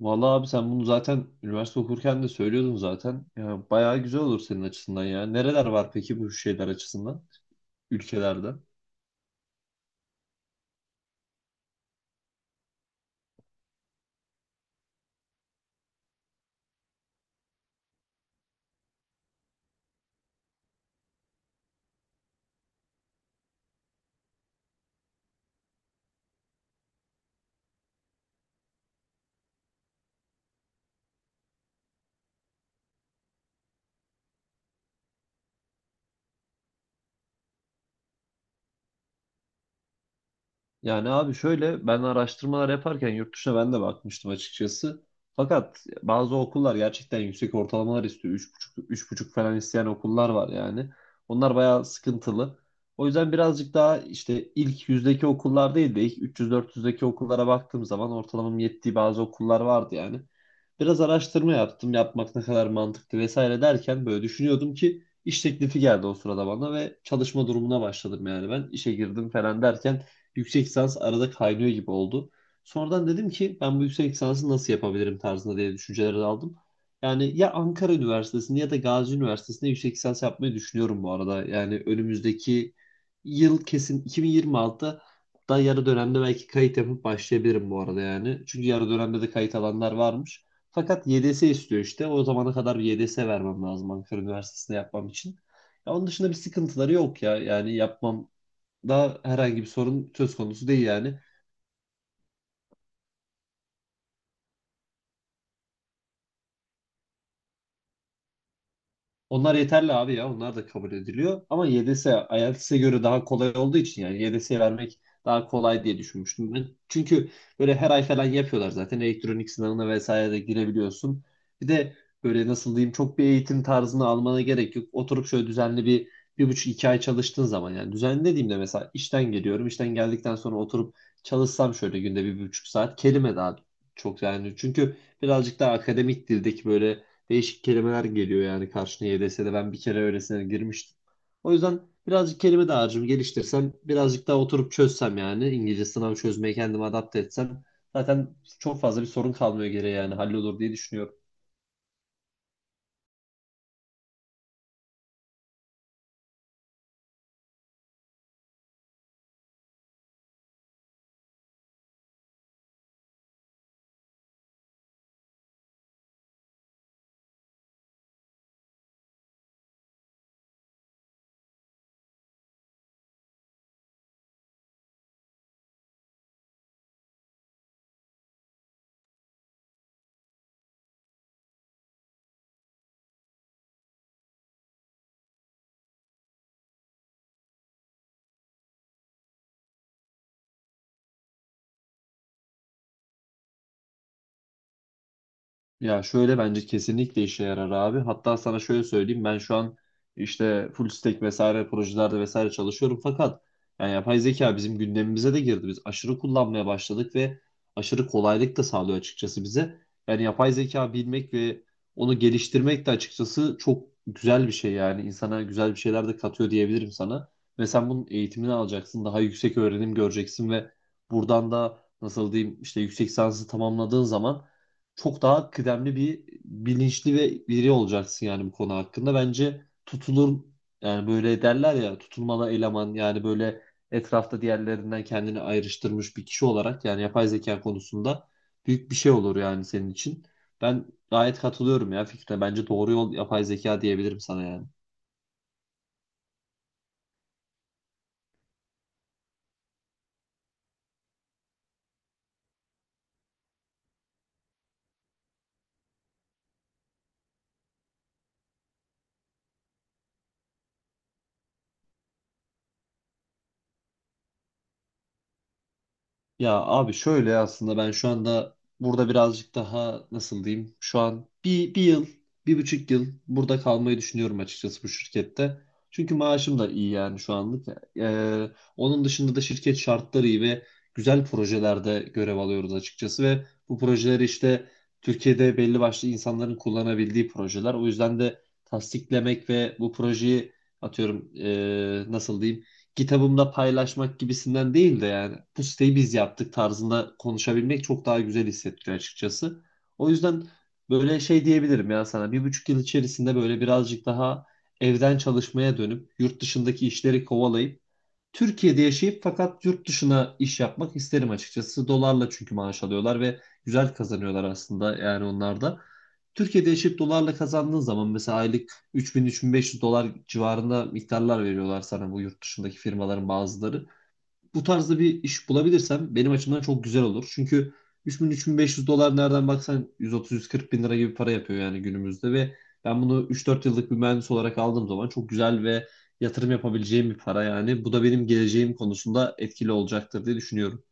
Vallahi abi sen bunu zaten üniversite okurken de söylüyordun zaten. Ya bayağı güzel olur senin açısından ya. Nereler var peki bu şeyler açısından? Ülkelerde. Yani abi şöyle ben araştırmalar yaparken yurt dışına ben de bakmıştım açıkçası. Fakat bazı okullar gerçekten yüksek ortalamalar istiyor. 3,5, 3,5 falan isteyen okullar var yani. Onlar bayağı sıkıntılı. O yüzden birazcık daha işte ilk yüzdeki okullar değil de ilk 300-400'deki okullara baktığım zaman ortalamam yettiği bazı okullar vardı yani. Biraz araştırma yaptım. Yapmak ne kadar mantıklı vesaire derken böyle düşünüyordum ki iş teklifi geldi o sırada bana ve çalışma durumuna başladım yani ben. İşe girdim falan derken yüksek lisans arada kaynıyor gibi oldu. Sonradan dedim ki ben bu yüksek lisansı nasıl yapabilirim tarzında diye düşünceler aldım. Yani ya Ankara Üniversitesi'nde ya da Gazi Üniversitesi'nde yüksek lisans yapmayı düşünüyorum bu arada. Yani önümüzdeki yıl kesin 2026'da da yarı dönemde belki kayıt yapıp başlayabilirim bu arada yani. Çünkü yarı dönemde de kayıt alanlar varmış. Fakat YDS istiyor işte. O zamana kadar bir YDS vermem lazım Ankara Üniversitesi'nde yapmam için. Ya onun dışında bir sıkıntıları yok ya. Yani yapmam da herhangi bir sorun söz konusu değil yani. Onlar yeterli abi ya. Onlar da kabul ediliyor. Ama YDS IELTS'e göre daha kolay olduğu için yani YDS'ye vermek daha kolay diye düşünmüştüm ben. Çünkü böyle her ay falan yapıyorlar zaten. Elektronik sınavına vesaire de girebiliyorsun. Bir de böyle nasıl diyeyim, çok bir eğitim tarzını almana gerek yok. Oturup şöyle düzenli bir bir buçuk iki ay çalıştığın zaman, yani düzenli dediğimde mesela işten geliyorum. İşten geldikten sonra oturup çalışsam şöyle günde bir, bir buçuk saat kelime daha çok yani. Çünkü birazcık daha akademik dildeki böyle değişik kelimeler geliyor yani karşına. YDS'de ben bir kere öylesine girmiştim. O yüzden birazcık kelime dağarcığımı geliştirsem, birazcık daha oturup çözsem, yani İngilizce sınav çözmeye kendimi adapte etsem zaten çok fazla bir sorun kalmıyor geriye yani, hallolur diye düşünüyorum. Ya şöyle, bence kesinlikle işe yarar abi. Hatta sana şöyle söyleyeyim, ben şu an işte full stack vesaire projelerde vesaire çalışıyorum fakat yani yapay zeka bizim gündemimize de girdi. Biz aşırı kullanmaya başladık ve aşırı kolaylık da sağlıyor açıkçası bize. Yani yapay zeka bilmek ve onu geliştirmek de açıkçası çok güzel bir şey, yani insana güzel bir şeyler de katıyor diyebilirim sana. Ve sen bunun eğitimini alacaksın, daha yüksek öğrenim göreceksin ve buradan da nasıl diyeyim, işte yüksek lisansı tamamladığın zaman çok daha kıdemli bir bilinçli ve biri olacaksın yani bu konu hakkında. Bence tutulur yani, böyle derler ya tutulmalı eleman, yani böyle etrafta diğerlerinden kendini ayrıştırmış bir kişi olarak yani yapay zeka konusunda büyük bir şey olur yani senin için. Ben gayet katılıyorum ya Fikre. Bence doğru yol yapay zeka diyebilirim sana yani. Ya abi şöyle, aslında ben şu anda burada birazcık daha nasıl diyeyim, şu an bir, bir yıl bir buçuk yıl burada kalmayı düşünüyorum açıkçası bu şirkette. Çünkü maaşım da iyi yani şu anlık. Ee, onun dışında da şirket şartları iyi ve güzel projelerde görev alıyoruz açıkçası ve bu projeleri işte Türkiye'de belli başlı insanların kullanabildiği projeler. O yüzden de tasdiklemek ve bu projeyi atıyorum nasıl diyeyim, kitabımda paylaşmak gibisinden değil de yani bu siteyi biz yaptık tarzında konuşabilmek çok daha güzel hissettiriyor açıkçası. O yüzden böyle şey diyebilirim ya sana, bir buçuk yıl içerisinde böyle birazcık daha evden çalışmaya dönüp yurt dışındaki işleri kovalayıp Türkiye'de yaşayıp fakat yurt dışına iş yapmak isterim açıkçası. Dolarla çünkü maaş alıyorlar ve güzel kazanıyorlar aslında yani onlar da. Türkiye'de yaşayıp dolarla kazandığın zaman mesela aylık 3000-3500 dolar civarında miktarlar veriyorlar sana bu yurt dışındaki firmaların bazıları. Bu tarzda bir iş bulabilirsem benim açımdan çok güzel olur. Çünkü 3000-3500 dolar nereden baksan 130-140 bin lira gibi para yapıyor yani günümüzde ve ben bunu 3-4 yıllık bir mühendis olarak aldığım zaman çok güzel ve yatırım yapabileceğim bir para yani. Bu da benim geleceğim konusunda etkili olacaktır diye düşünüyorum.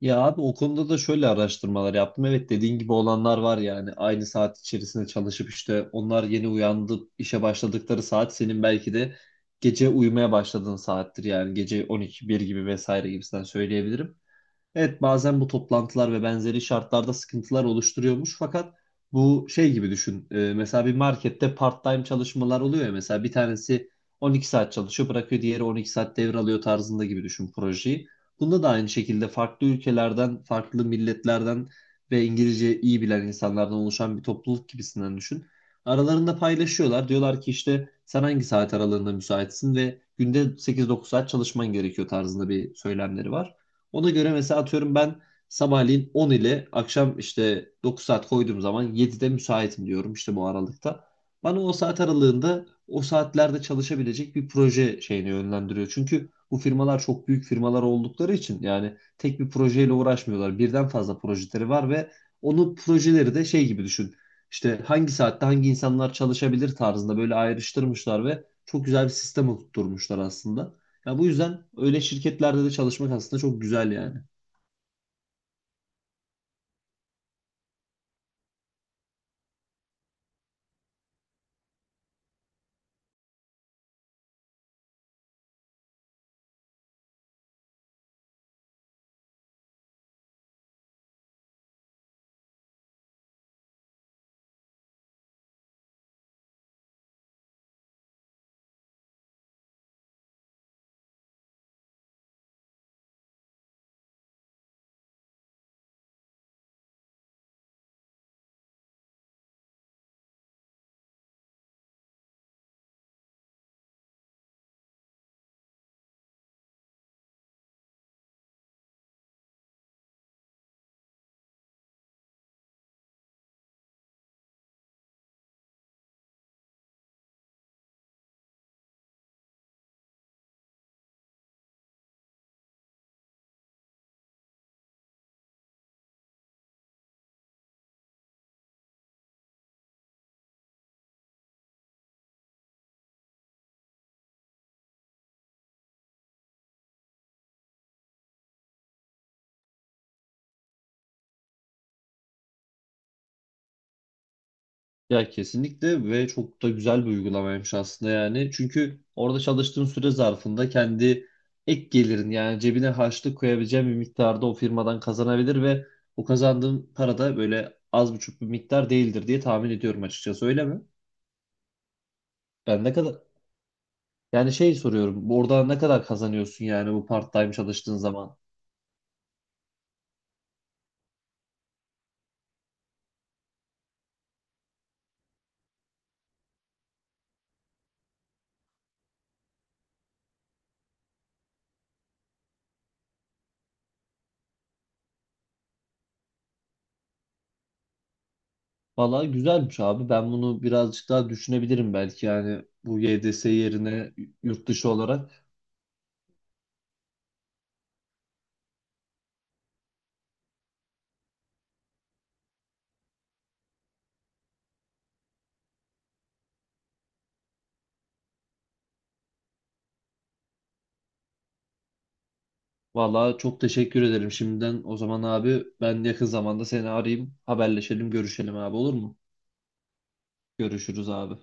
Ya abi o konuda da şöyle araştırmalar yaptım. Evet, dediğin gibi olanlar var yani. Aynı saat içerisinde çalışıp işte onlar yeni uyandı, işe başladıkları saat senin belki de gece uyumaya başladığın saattir yani. Gece 12 bir gibi vesaire gibisinden söyleyebilirim. Evet, bazen bu toplantılar ve benzeri şartlarda sıkıntılar oluşturuyormuş fakat bu şey gibi düşün. Mesela bir markette part-time çalışmalar oluyor ya, mesela bir tanesi 12 saat çalışıyor bırakıyor, diğeri 12 saat devralıyor tarzında gibi düşün projeyi. Bunda da aynı şekilde farklı ülkelerden, farklı milletlerden ve İngilizce iyi bilen insanlardan oluşan bir topluluk gibisinden düşün. Aralarında paylaşıyorlar. Diyorlar ki işte sen hangi saat aralığında müsaitsin ve günde 8-9 saat çalışman gerekiyor tarzında bir söylemleri var. Ona göre mesela atıyorum ben sabahleyin 10 ile akşam işte 9 saat koyduğum zaman 7'de müsaitim diyorum işte, bu aralıkta. Bana o saat aralığında, o saatlerde çalışabilecek bir proje şeyini yönlendiriyor. Çünkü bu firmalar çok büyük firmalar oldukları için yani tek bir projeyle uğraşmıyorlar. Birden fazla projeleri var ve onun projeleri de şey gibi düşün. İşte hangi saatte hangi insanlar çalışabilir tarzında böyle ayrıştırmışlar ve çok güzel bir sistem oturtmuşlar aslında. Ya bu yüzden öyle şirketlerde de çalışmak aslında çok güzel yani. Ya kesinlikle, ve çok da güzel bir uygulamaymış aslında yani. Çünkü orada çalıştığın süre zarfında kendi ek gelirin, yani cebine harçlık koyabileceğin bir miktarda o firmadan kazanabilir ve o kazandığın para da böyle az buçuk bir miktar değildir diye tahmin ediyorum açıkçası, öyle mi? Ben ne kadar yani, şey soruyorum. Orada ne kadar kazanıyorsun yani, bu part-time çalıştığın zaman? Valla güzelmiş abi. Ben bunu birazcık daha düşünebilirim belki. Yani bu YDS yerine yurt dışı olarak. Valla çok teşekkür ederim şimdiden. O zaman abi ben yakın zamanda seni arayayım. Haberleşelim, görüşelim abi, olur mu? Görüşürüz abi.